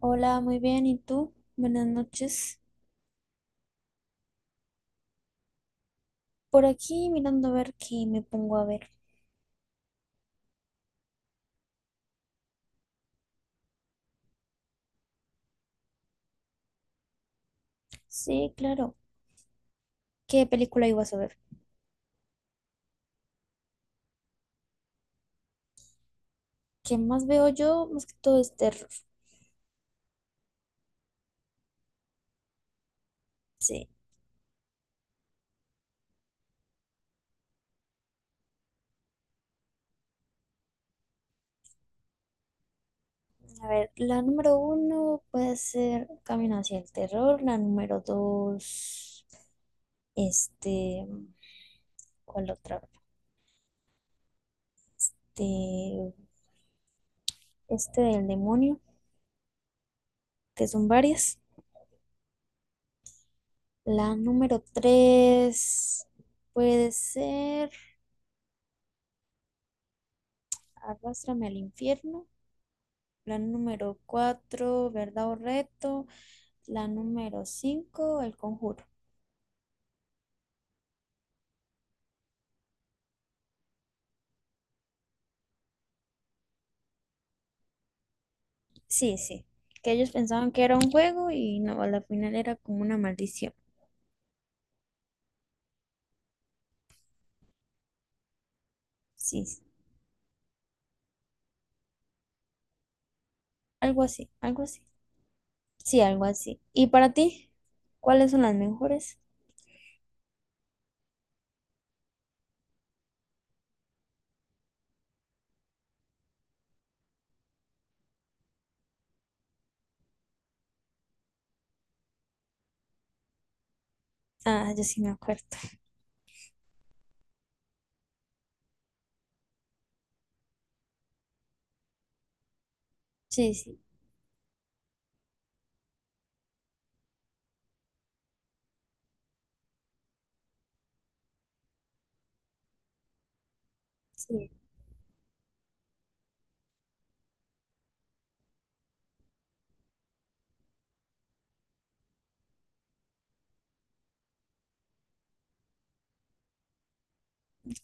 Hola, muy bien. ¿Y tú? Buenas noches. Por aquí mirando a ver qué me pongo a ver. Sí, claro. ¿Qué película ibas a ver? ¿Qué más veo yo? Más que todo es terror. Sí. A ver, la número uno puede ser Camino hacia el terror. La número dos, este, ¿cuál otra? De, este del demonio, que son varias. La número tres puede ser Arrástrame al infierno. La número cuatro, verdad o reto. La número cinco, el conjuro. Sí, sí. Que ellos pensaban que era un juego y no, a la final era como una maldición. Sí, sí. Algo así, algo así. Sí, algo así. ¿Y para ti? ¿Cuáles son las mejores? Ah, yo sí me acuerdo. Sí, sí, sí.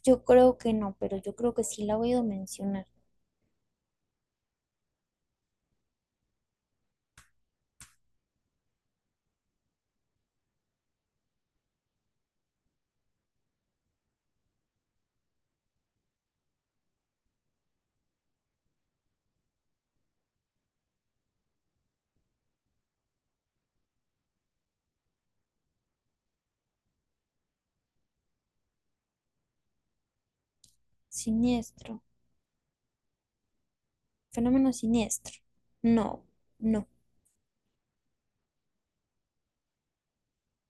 Yo creo que no, pero yo creo que sí la he oído mencionar. Siniestro. Fenómeno siniestro. No, no.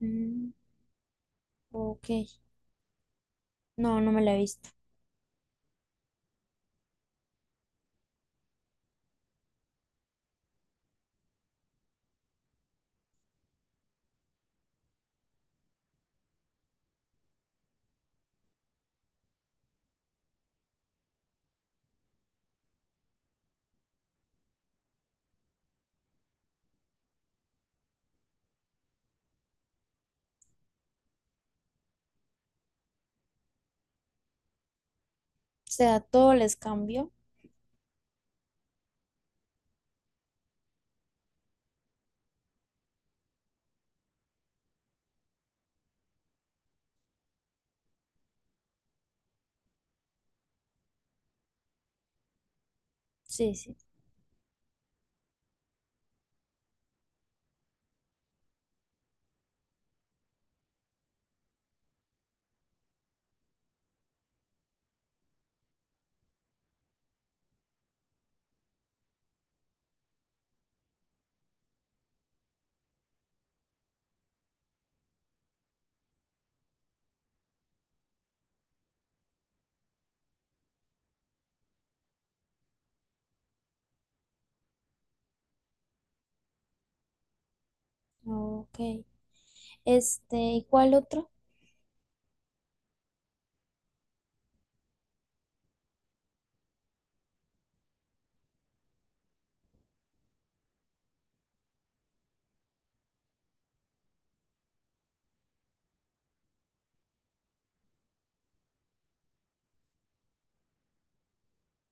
Mm, ok. No, no me la he visto. O sea, todo les cambió. Sí, sí. Ok. ¿Y cuál otro?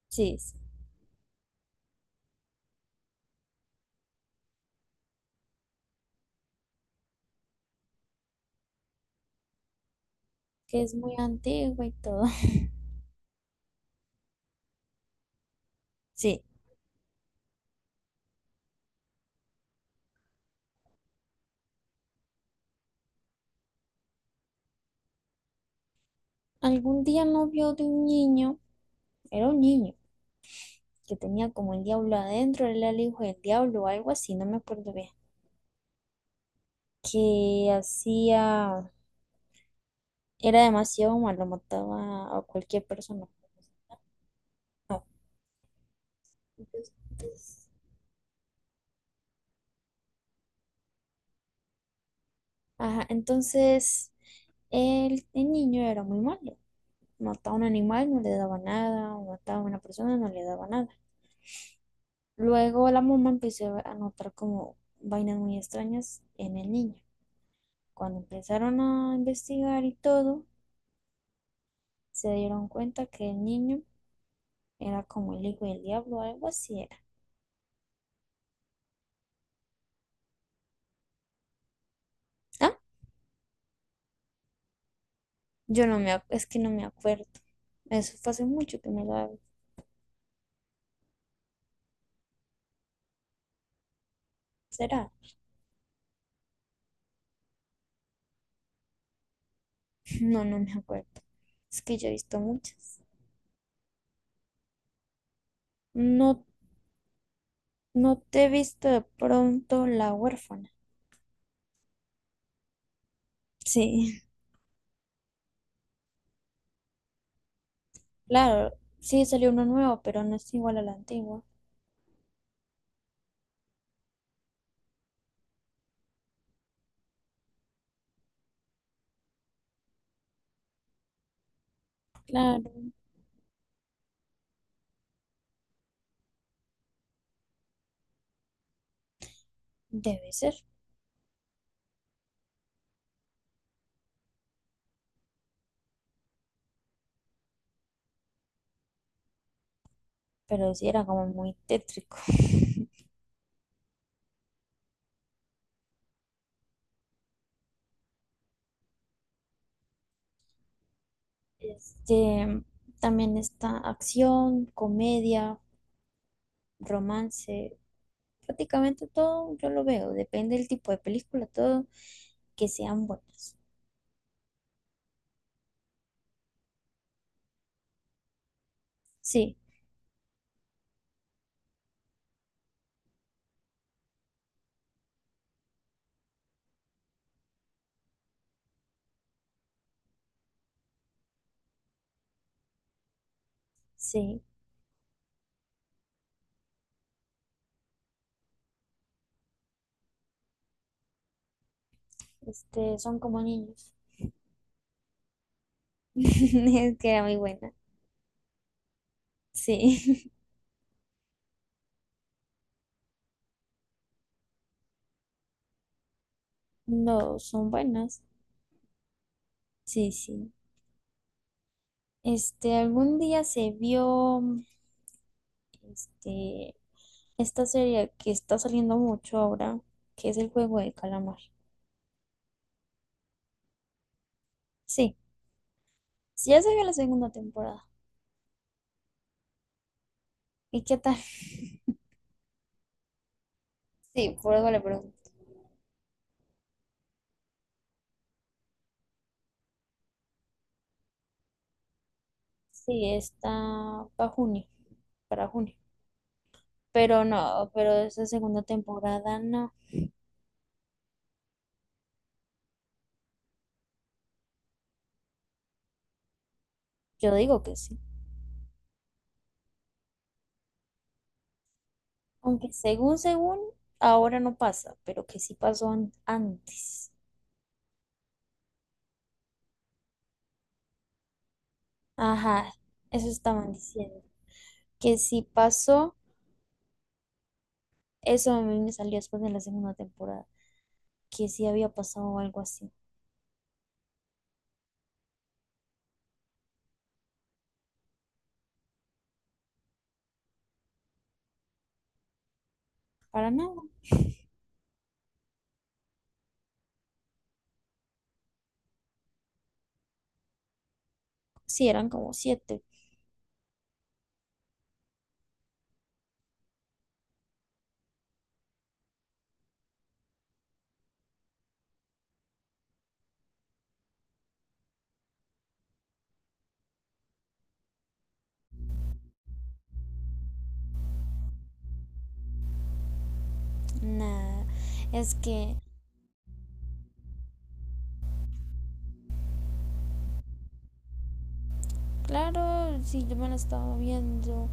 Sí, sí, que es muy antiguo y todo. Sí. Algún día no vio de un niño, era un niño, que tenía como el diablo adentro, él era el hijo del diablo o algo así, no me acuerdo bien. Que hacía, era demasiado malo, mataba a cualquier persona. Entonces, Ajá, entonces el niño era muy malo. Mataba a un animal, no le daba nada, o mataba a una persona, no le daba nada. Luego la mamá empezó a notar como vainas muy extrañas en el niño. Cuando empezaron a investigar y todo, se dieron cuenta que el niño era como el hijo del diablo, algo así era. Ah, yo no me, es que no me acuerdo. Eso fue hace mucho que me lo ¿Será? No, no me acuerdo. Es que yo he visto muchas. No, no te he visto de pronto la huérfana. Sí. Claro, sí salió uno nuevo, pero no es igual al antiguo. Claro, debe ser, pero sí era como muy tétrico. Este, también está acción, comedia, romance, prácticamente todo yo lo veo, depende del tipo de película, todo que sean buenas. Sí, sí, son como niños. Es que era muy buena. Sí, no, son buenas. Sí, sí. Algún día se vio este, esta serie que está saliendo mucho ahora, que es el juego de calamar. Sí, sí, ya salió la segunda temporada. ¿Y qué tal? Sí, por algo le pregunto. Sí, está para junio, para junio. Pero no, pero esa segunda temporada no. Yo digo que sí. Aunque según, ahora no pasa, pero que sí pasó antes. Ajá, eso estaban diciendo. Que sí pasó, eso a mí me salió después de la segunda temporada. Que sí había pasado algo así. Para nada. Sí, eran como siete. Nada. Es que, claro, si yo me la estaba viendo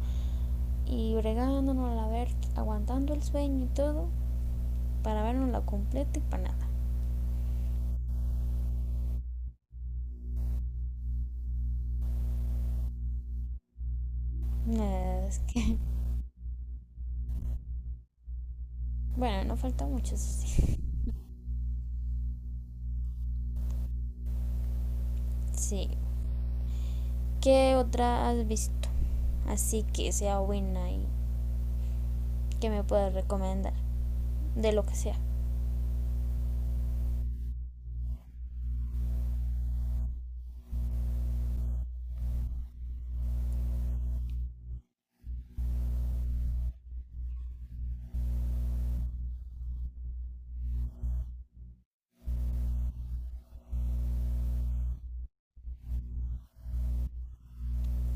y bregándonos a ver, aguantando el sueño y todo, para vernos la completa y para nada. Nada, es que, bueno, no falta mucho, eso sí. Sí. ¿Qué otra has visto? Así que sea buena y que me puedas recomendar. De lo que sea.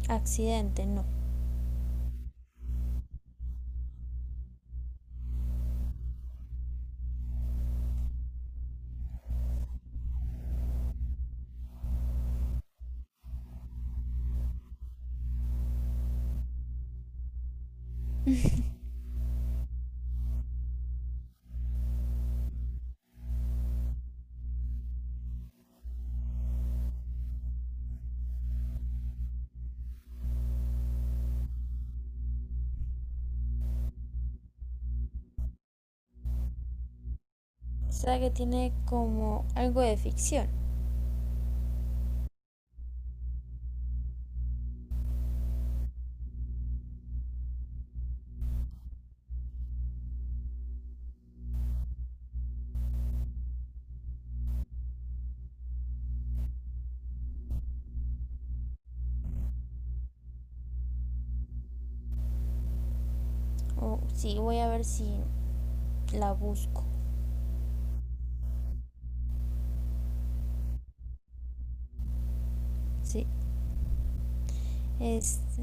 Accidente, no. O sea que tiene como algo de ficción. Oh, sí, voy a ver si la busco. Sí. Este,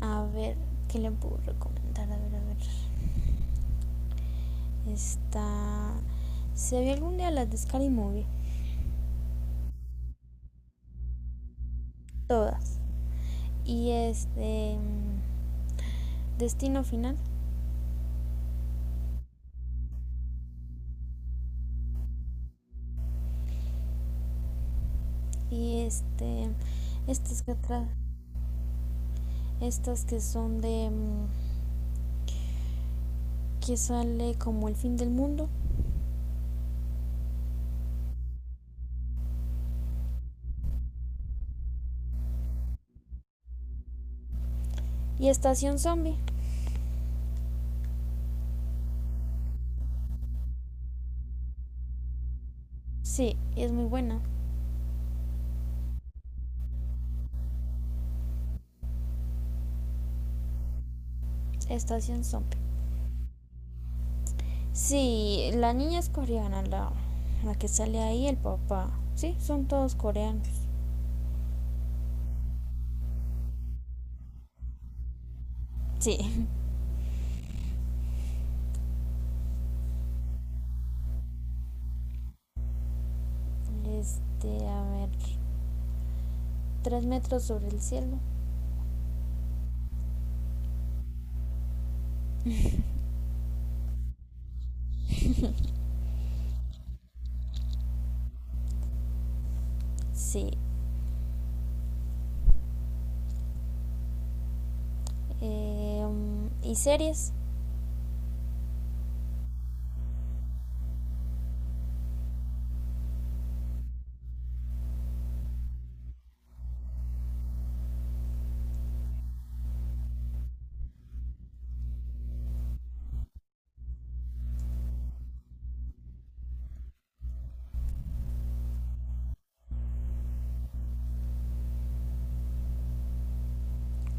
a ver, ¿qué le puedo recomendar? A ver, a ver. Está. Se vi algún día las de Scary Movie. Todas. Y Destino Final. Y Estas que atrás. Estas que son de. Que sale como el fin del mundo. Y Estación Zombie. Sí, es muy buena. Estación Zombie. Sí, la niña es coreana, la que sale ahí, el papá. Sí, son todos coreanos. Sí. A ver, tres metros sobre el cielo. Sí. Y series,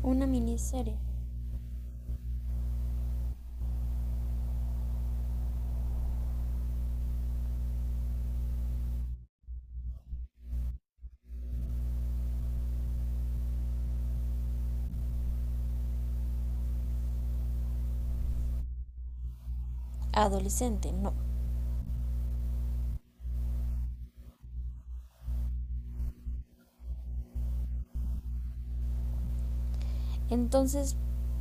una miniserie. Adolescente, no. Entonces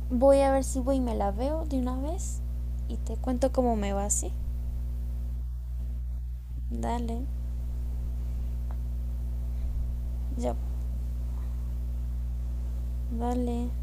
voy a ver si voy y me la veo de una vez y te cuento cómo me va, ¿sí? Dale, ya, dale.